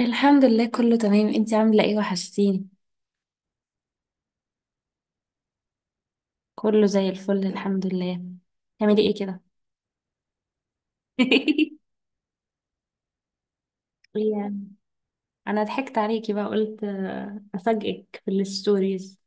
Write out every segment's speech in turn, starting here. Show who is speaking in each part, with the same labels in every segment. Speaker 1: الحمد لله، كله تمام. انتي عاملة ايه؟ وحشتيني. كله زي الفل، الحمد لله. تعملي ايه كده؟ يعني انا ضحكت عليكي بقى قلت افاجئك في الستوريز.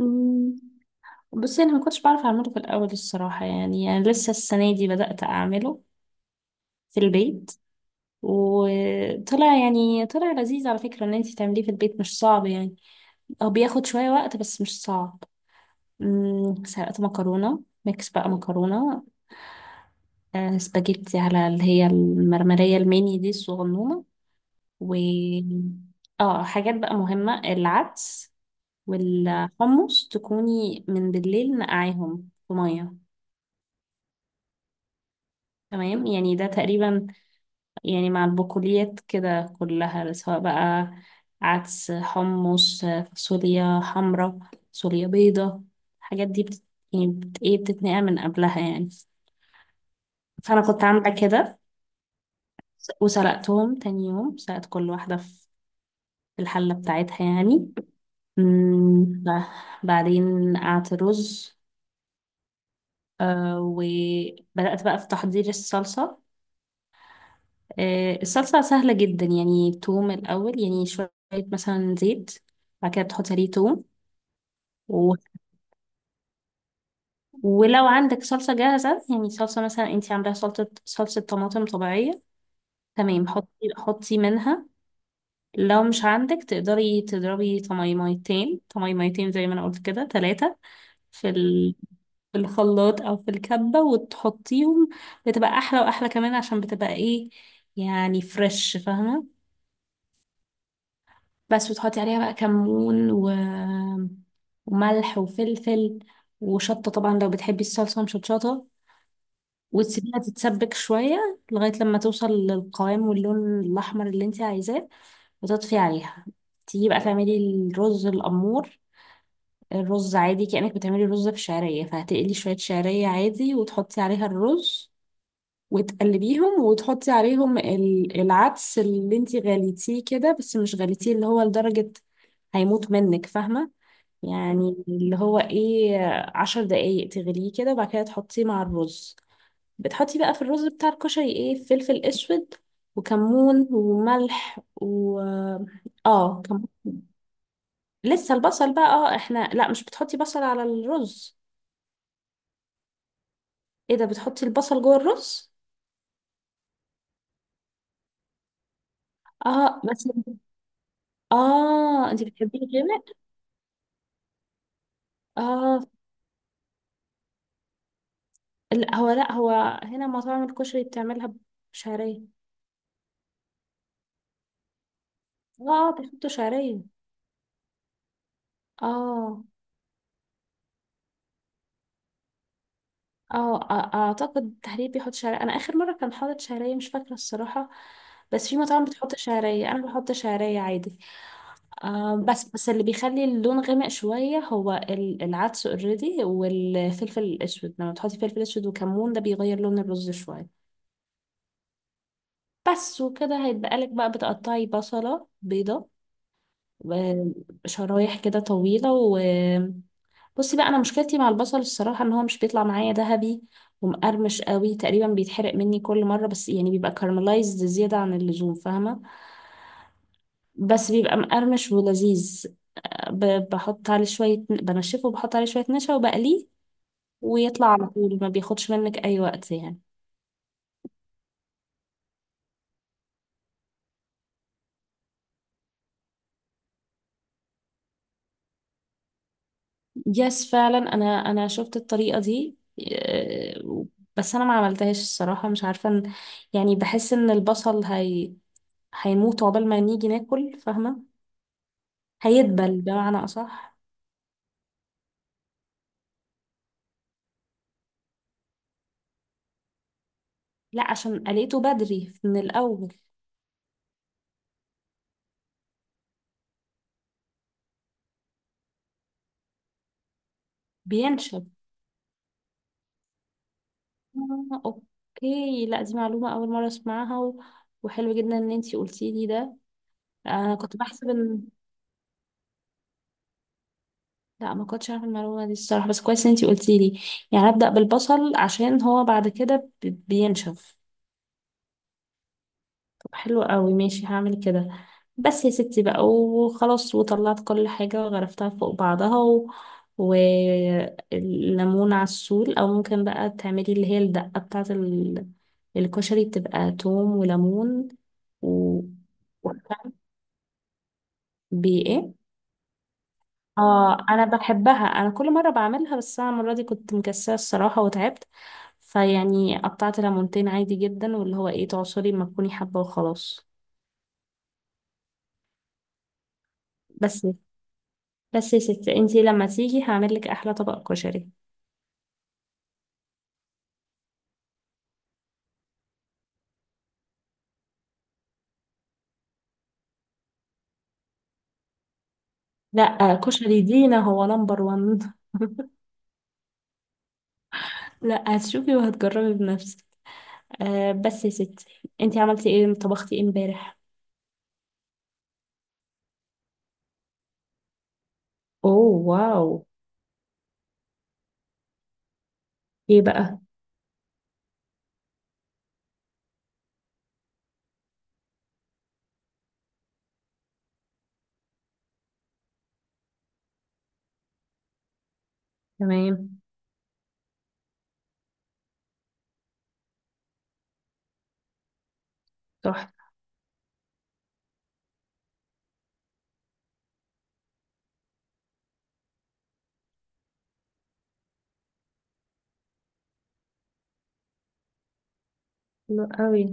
Speaker 1: أمم، بصي، انا ما كنتش بعرف اعمله في الاول الصراحة، يعني لسه السنة دي بدأت اعمله في البيت. وطلع يعني طلع لذيذ على فكرة. ان انتي تعمليه في البيت مش صعب يعني، هو بياخد شوية وقت بس مش صعب. سلقت مكرونة ميكس، بقى مكرونة، سباجيتي، على اللي هي المرمرية الميني دي الصغنونة. و اه حاجات بقى مهمة: العدس والحمص تكوني من بالليل نقعيهم في مية. تمام، يعني ده تقريبا، يعني مع البقوليات كده كلها سواء بقى: عدس، حمص، فاصوليا حمرا، فاصوليا بيضة. الحاجات دي بت... يعني بت... ايه بتتنقع من قبلها يعني. فأنا كنت عاملة كده، وسلقتهم تاني يوم، سلقت كل واحدة في الحلة بتاعتها يعني. مم، ب- بعدين قعدت رز. وبدأت بقى في تحضير الصلصة. الصلصة سهلة جدا يعني، توم الأول، يعني شوية مثلا زيت، بعد كده بتحط عليه توم و... ولو عندك صلصة جاهزة، يعني صلصة مثلا انتي عاملاها صلصة طماطم طبيعية، يعني حطي حطي منها. لو مش عندك تقدري تضربي طميميتين طميميتين زي ما انا قلت كده ثلاثة، في في الخلاط او في الكبة، وتحطيهم. بتبقى احلى، واحلى كمان عشان بتبقى ايه، يعني فريش، فاهمة؟ بس، وتحطي عليها بقى كمون وملح وفلفل وشطة، طبعا لو بتحبي الصلصة مشطشطة، وتسيبيها تتسبك شوية لغاية لما توصل للقوام واللون الأحمر اللي انت عايزاه وتطفي عليها. تيجي بقى تعملي الرز الأمور الرز عادي، كأنك بتعملي رز بشعرية، فهتقلي شوية شعرية عادي وتحطي عليها الرز وتقلبيهم، وتحطي عليهم العدس اللي انتي غليتيه كده، بس مش غليتيه اللي هو لدرجة هيموت منك، فاهمة؟ يعني اللي هو ايه، 10 دقايق تغليه كده وبعد كده تحطيه مع الرز. بتحطي بقى في الرز بتاع الكشري ايه: فلفل اسود وكمون وملح و... اه، لسه البصل بقى. اه احنا لا، مش بتحطي بصل على الرز. ايه ده، بتحطي البصل جوه الرز؟ اه، اه، اه. لا هو هنا مطاعم الكشري بتعملها بشعرية. اه بيحطوا شعرية. اه. اعتقد تحرير بيحط شعرية، انا اخر مرة كان حاطط شعرية مش فاكرة الصراحة، بس في مطاعم بتحط شعرية، انا بحط شعرية عادي. بس اللي بيخلي اللون غامق شوية هو العدس اوريدي، والفلفل الاسود. لما تحطي فلفل اسود وكمون ده بيغير لون الرز شوية. بس، وكده هيبقى لك بقى. بتقطعي بصلة بيضة و- شرايح كده طويلة. بصي بقى، انا مشكلتي مع البصل الصراحه ان هو مش بيطلع معايا ذهبي ومقرمش قوي، تقريبا بيتحرق مني كل مره، بس يعني بيبقى كارملايزد زياده عن اللزوم فاهمه، بس بيبقى مقرمش ولذيذ. بحط عليه شويه بنشفه، وبحط عليه شويه نشا وبقليه، ويطلع على طول، ما بياخدش منك اي وقت يعني. يس فعلا، انا شفت الطريقه دي. آه، بس انا ما عملتهاش الصراحه، مش عارفه يعني بحس ان البصل هي هيموت عقبال ما نيجي ناكل، فاهمه؟ هيدبل بمعنى أصح. لا، عشان لقيته بدري من الأول بينشف. أوكي، لا دي معلومة أول مرة أسمعها وحلو جدا إن أنتي قلتي لي ده. أنا كنت لا، ما كنتش عارفة المعلومة دي الصراحة، بس كويس إن أنتي قلتي لي. يعني أبدأ بالبصل عشان هو بعد كده بينشف. حلو قوي، ماشي هعمل كده. بس يا ستي بقى، وخلاص وطلعت كل حاجة وغرفتها فوق بعضها والليمون على السول، او ممكن بقى تعملي اللي هي الدقة بتاعة الكشري. بتبقى توم وليمون، وبإيه. اه، انا بحبها، انا كل مرة بعملها، بس انا المرة دي كنت مكسلة الصراحة وتعبت، فيعني قطعت ليمونتين عادي جدا، واللي هو ايه، تعصري ما تكوني حابة وخلاص. بس يا ستي، انتي لما تيجي هعملك احلى طبق كشري. لا، كشري دينا هو نمبر وان. لا، هتشوفي وهتجربي بنفسك. أه، بس يا ستي، انتي عملتي ايه؟ طبختي ايه امبارح؟ اوه، واو. ايه بقى؟ تمام. صح. حلو قوي.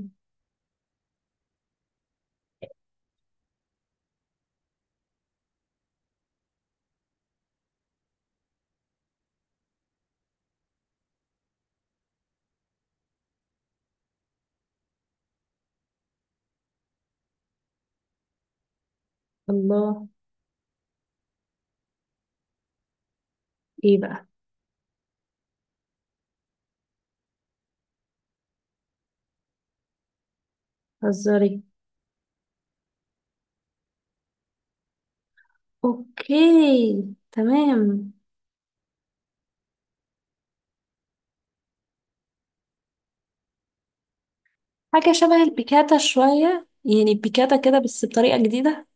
Speaker 1: الله. ايه بقى؟ هزاري. اوكي، تمام. حاجة شبه البيكاتا شوية، يعني البيكاتا كده بس بطريقة جديدة.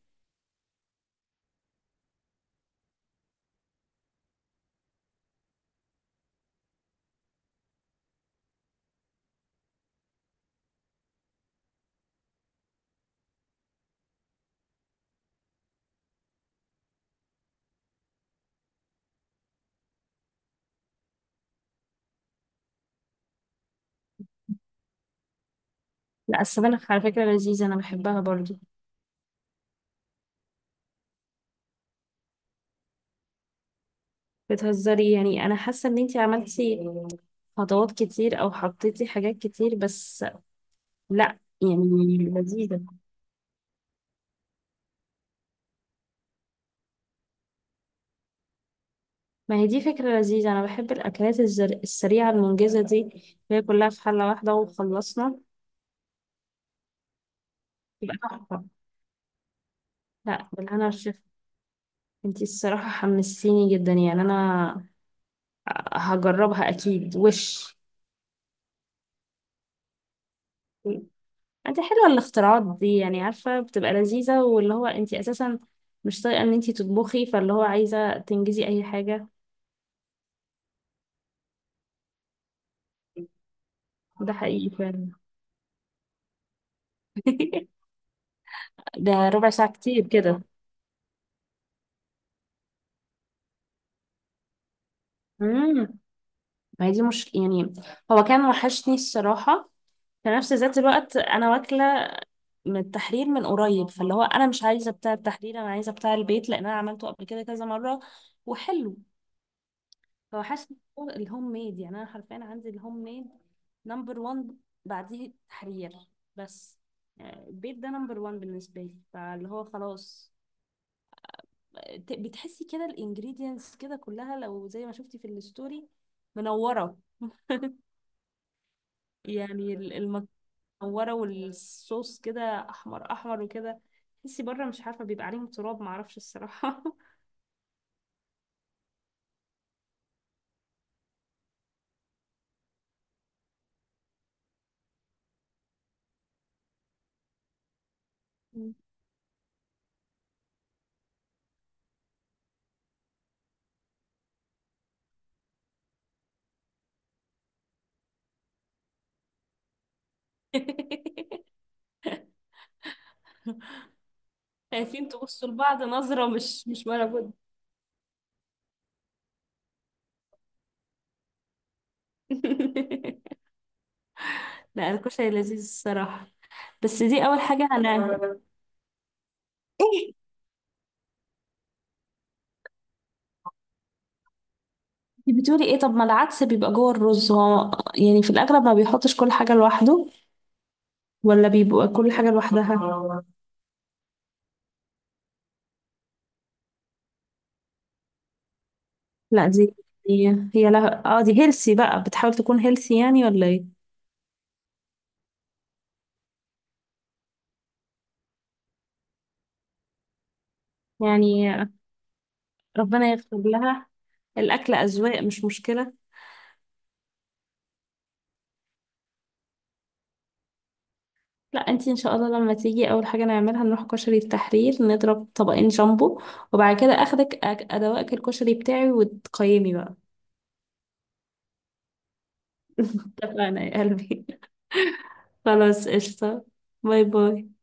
Speaker 1: لا، السبانخ على فكرة لذيذة، انا بحبها برضو. بتهزري؟ يعني انا حاسه ان انتي عملتي خطوات كتير، او حطيتي حاجات كتير، بس لا يعني. ما هي دي فكره لذيذه، انا بحب الاكلات السريعه المنجزه دي، اللي هي كلها في حله واحده وخلصنا. لا، بالهنا والشفا. انتي الصراحه حمستيني جدا، يعني انا هجربها اكيد وش. انت حلوه الاختراعات دي، يعني عارفه بتبقى لذيذه، واللي هو انتي اساسا مش طايقه ان انتي تطبخي، فاللي هو عايزه تنجزي اي حاجه. ده حقيقي. ده ربع ساعة كتير جدا. امم ما هي دي مش يعني، هو كان وحشني الصراحة. في نفس ذات الوقت أنا واكلة من التحرير من قريب، فاللي هو أنا مش عايزة بتاع التحرير، أنا عايزة بتاع البيت، لأن أنا عملته قبل كده كذا مرة وحلو. الهوم ميد يعني، أنا حرفيا عندي الهوم ميد نمبر وان، بعديه التحرير. بس يعني البيت ده نمبر وان بالنسبة لي، فاللي هو خلاص. بتحسي كده الانجريدينتس كده كلها، لو زي ما شفتي في الستوري منورة يعني، المكورة والصوص كده أحمر أحمر وكده، تحسي بره مش عارفة بيبقى عليهم تراب، معرفش الصراحة. مم. شايفين لبعض نظرة، مش ولا بد. لا، الكشري لذيذ الصراحة، بس دي أول حاجة أنا. إيه بتقولي إيه؟ طب ما العدس بيبقى جوه الرز، هو يعني في الأغلب ما بيحطش كل حاجة لوحده، ولا بيبقى كل حاجة لوحدها. لا دي هي هي لها. اه دي هيلسي بقى، بتحاول تكون هيلسي يعني ولا ايه؟ يعني ربنا يغفر لها. الأكل أذواق، مش مشكلة. لا، انتي ان شاء الله لما تيجي اول حاجة نعملها نروح كشري التحرير نضرب طبقين جامبو، وبعد كده اخدك ادوقك الكشري بتاعي وتقيمي بقى. اتفقنا يا قلبي. خلاص، قشطة. باي باي.